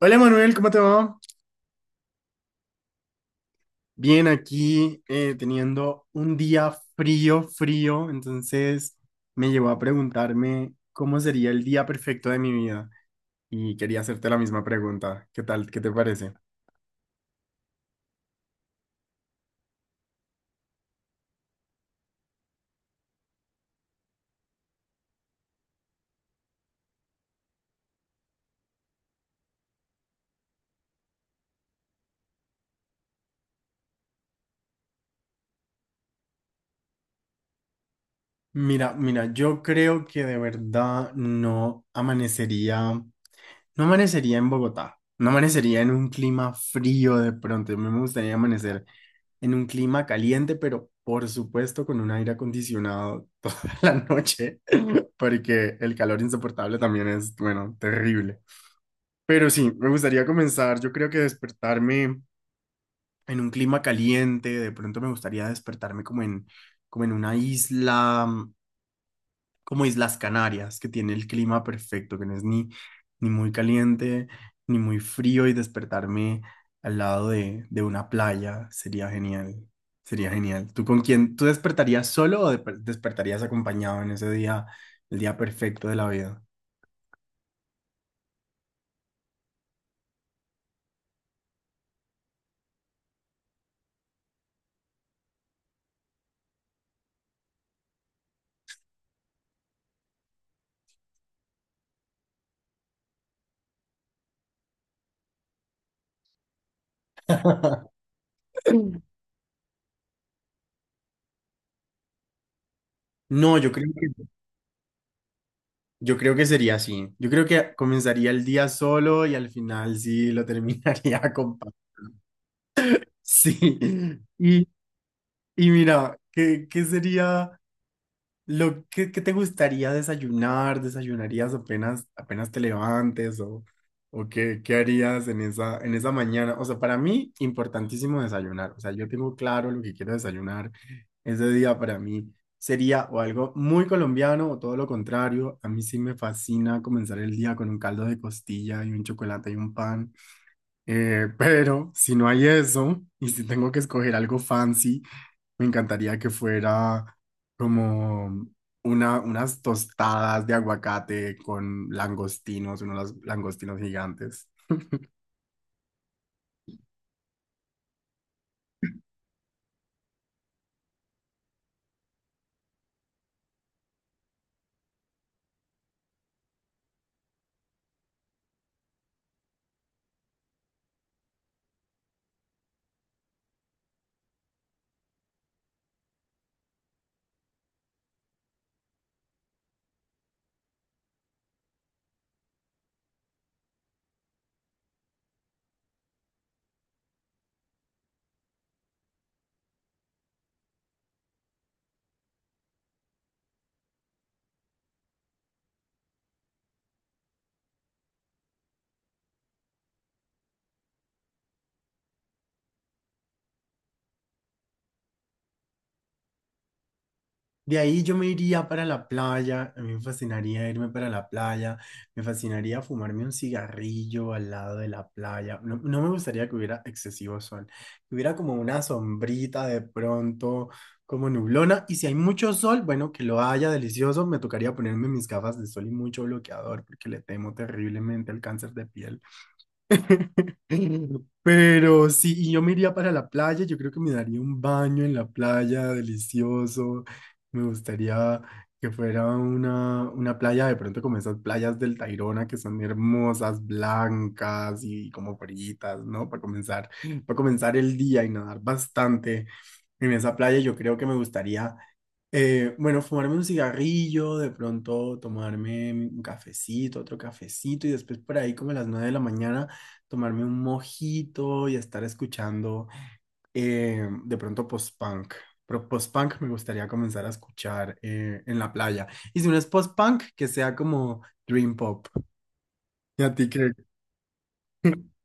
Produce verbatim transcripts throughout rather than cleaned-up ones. Hola Manuel, ¿cómo te va? Bien, aquí eh, teniendo un día frío, frío, entonces me llevó a preguntarme cómo sería el día perfecto de mi vida y quería hacerte la misma pregunta. ¿Qué tal? ¿Qué te parece? Mira, mira, yo creo que de verdad no amanecería, no amanecería en Bogotá, no amanecería en un clima frío de pronto, a mí me gustaría amanecer en un clima caliente, pero por supuesto con un aire acondicionado toda la noche porque el calor insoportable también es, bueno, terrible. Pero sí, me gustaría comenzar, yo creo que despertarme en un clima caliente, de pronto me gustaría despertarme como en, como en una isla, mm, como Islas Canarias, que tiene el clima perfecto, que no es ni, ni muy caliente, ni muy frío, y despertarme al lado de, de una playa, sería genial, sería genial. ¿Tú con quién? ¿Tú despertarías solo o de- despertarías acompañado en ese día, el día perfecto de la vida? No, yo creo que, yo creo que sería así. Yo creo que comenzaría el día solo y al final sí lo terminaría con paz. Sí. Y, y mira, ¿qué, ¿qué sería? Lo que, ¿qué te gustaría desayunar, desayunarías apenas, apenas te levantes o, o qué, qué harías en esa, en esa mañana. O sea, para mí, importantísimo desayunar. O sea, yo tengo claro lo que quiero desayunar. Ese día para mí sería o algo muy colombiano o todo lo contrario. A mí sí me fascina comenzar el día con un caldo de costilla y un chocolate y un pan. Eh, pero si no hay eso y si tengo que escoger algo fancy. Me encantaría que fuera como una, unas tostadas de aguacate con langostinos, unos langostinos gigantes. De ahí yo me iría para la playa, a mí me fascinaría irme para la playa, me fascinaría fumarme un cigarrillo al lado de la playa. No, no me gustaría que hubiera excesivo sol, que hubiera como una sombrita de pronto, como nublona, y si hay mucho sol, bueno, que lo haya delicioso, me tocaría ponerme mis gafas de sol y mucho bloqueador, porque le temo terriblemente al cáncer de piel. Pero sí, y yo me iría para la playa, yo creo que me daría un baño en la playa delicioso. Me gustaría que fuera una, una playa de pronto como esas playas del Tayrona que son hermosas, blancas y como fritas, ¿no? Para comenzar, para comenzar el día y nadar bastante en esa playa, yo creo que me gustaría eh, bueno, fumarme un cigarrillo, de pronto tomarme mi- un cafecito, otro cafecito y después por ahí como a las nueve de la mañana tomarme un mojito y estar escuchando eh, de pronto post-punk. Pero post-punk me gustaría comenzar a escuchar eh, en la playa. Y si no es post-punk, que sea como dream pop. ¿Y a ti qué?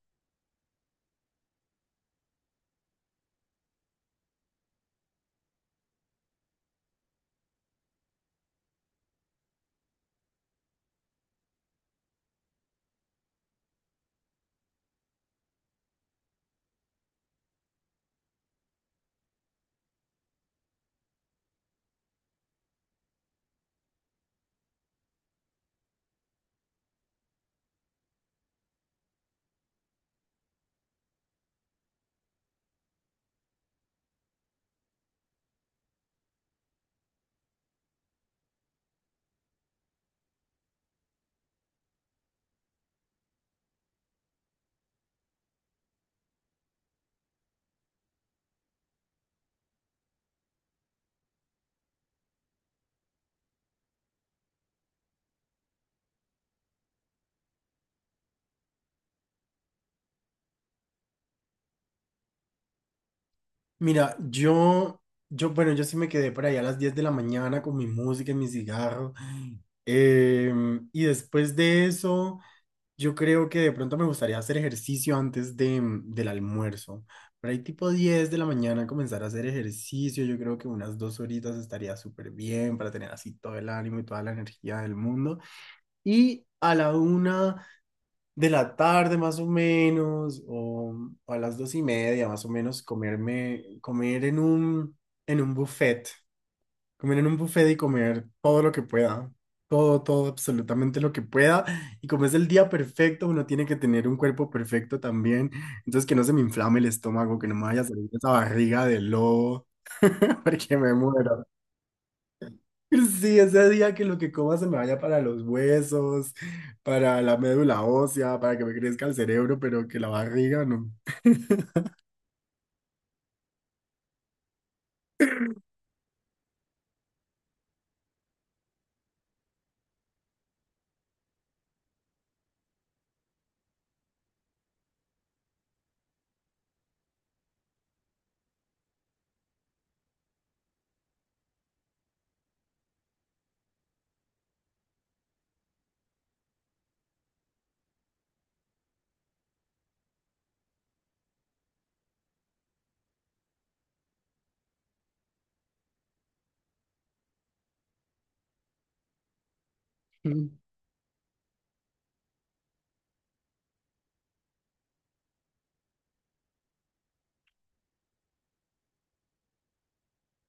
Mira, yo, yo, bueno, yo sí me quedé por ahí a las diez de la mañana con mi música y mi cigarro. Em, y después de eso... Yo creo que de pronto me gustaría hacer ejercicio antes de, mm, del almuerzo. Por ahí tipo diez de la mañana comenzar a hacer ejercicio. Yo creo que unas dos horitas estaría súper bien para tener así todo el ánimo y toda la energía del mundo. Y a la una de la tarde más o menos, o, mm, o a las dos y media más o menos, comerme, comer en un, en un buffet. Comer en un buffet y comer todo lo que pueda. Todo, todo, absolutamente lo que pueda. Y como es el día perfecto, uno tiene que tener un cuerpo perfecto también. Entonces, que no se me inflame el estómago, que no me vaya a salir esa barriga de lobo, porque me muero. Sí, ese día que lo que coma se me vaya para los huesos, para la médula ósea, para que me crezca el cerebro, pero que la barriga no.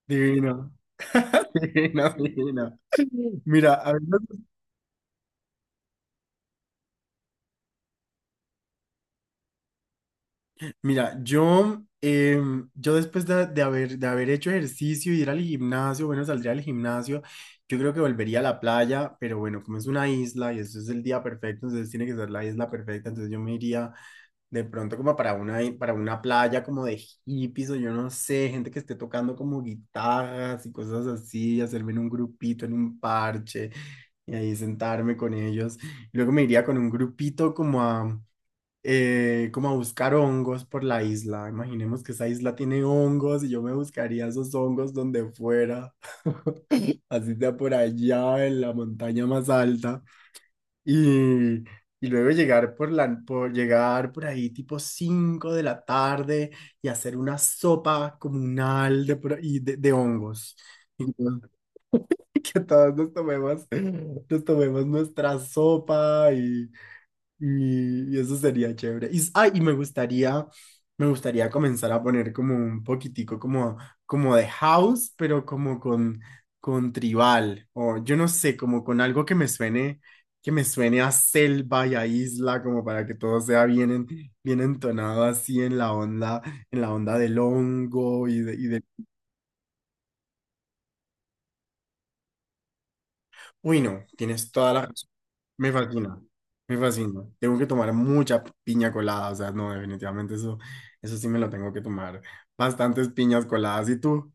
Divino. Divino, divino. Mira, a mí Mira, yo, em, yo después de, de haber, de haber hecho ejercicio y ir al gimnasio, bueno, saldría al gimnasio, yo creo que volvería a la playa, pero bueno, como es una isla y eso es el día perfecto, entonces tiene que ser la isla perfecta, entonces yo me iría de pronto como para una, i- para una playa como de hippies o yo no sé, gente que esté tocando como guitarras y cosas así, hacerme en un grupito, en un parche y ahí sentarme con ellos. Luego me iría con un grupito como a eh, como a buscar hongos por la isla. Imaginemos que esa isla tiene hongos y yo me buscaría esos hongos donde fuera, así sea por allá en la montaña más alta. Y, y luego llegar por la, por llegar por ahí tipo cinco de la tarde y hacer una sopa comunal de, por- y de, de hongos. Y que todos nos tomemos, nos tomemos nuestra sopa y, y eso sería chévere. Y, s- ay, y me gustaría, me gustaría comenzar a poner como un poquitico como, como de house, pero como con, con tribal, o yo no sé, como con algo que me suene, que me suene a selva y a isla, como para que todo sea bien, en- bien entonado así en la onda, en la onda del hongo y de, y de... Uy, no, tienes toda la razón. Me fascina, me fascina. Tengo que tomar mucha piña colada, o sea, no, definitivamente eso, eso sí me lo tengo que tomar. Bastantes piñas coladas, ¿y tú?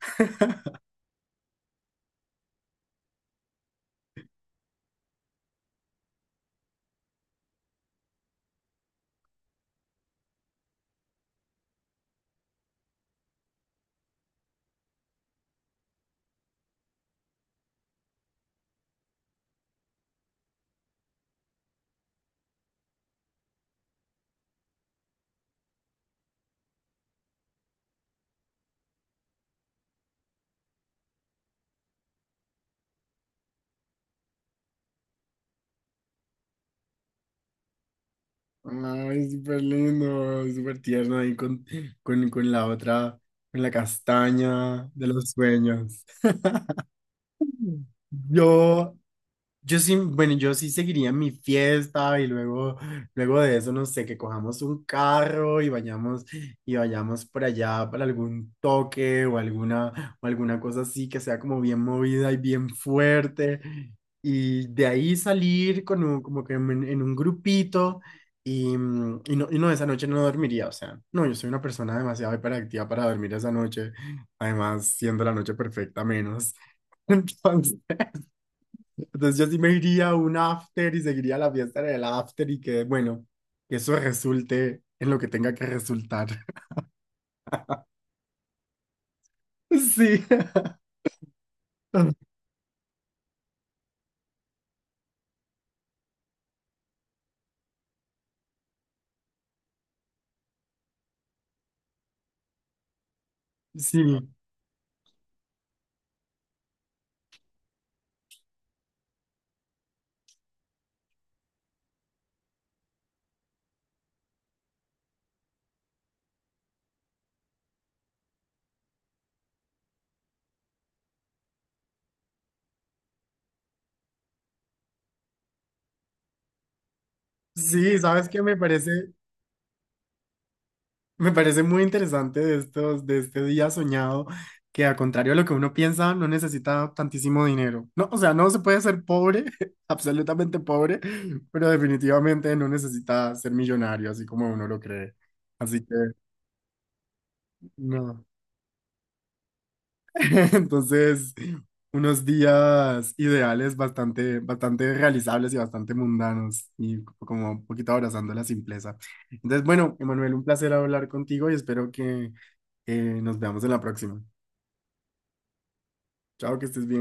Ay, súper lindo, súper tierno ahí con, con, con la otra, con la castaña de los sueños. Yo Yo sí, bueno, yo sí seguiría mi fiesta y luego, luego de eso, no sé, que cojamos un carro y vayamos, y vayamos por allá para algún toque o alguna, o alguna cosa así que sea como bien movida y bien fuerte. Y de ahí salir con un- como que en, en un grupito y, mm, y no, y no, esa noche no dormiría, o sea, no, yo soy una persona demasiado hiperactiva para dormir esa noche, además siendo la noche perfecta menos. Entonces, entonces yo sí me iría a un after y seguiría la fiesta en el after y que, bueno, que eso resulte en lo que tenga que resultar. Sí, sí, sí, sabes que me parece, me parece muy interesante de estos, de este día soñado, que a contrario de lo que uno piensa, no necesita tantísimo dinero. No, o sea, no se puede ser pobre, absolutamente pobre, pero definitivamente no necesita ser millonario, así como uno lo cree. Así que no. Entonces, unos días ideales bastante, bastante realizables y bastante mundanos y como un poquito abrazando la simpleza. Entonces, bueno, Emanuel, un placer hablar contigo y espero que eh, nos veamos en la próxima. Chao, que estés bien.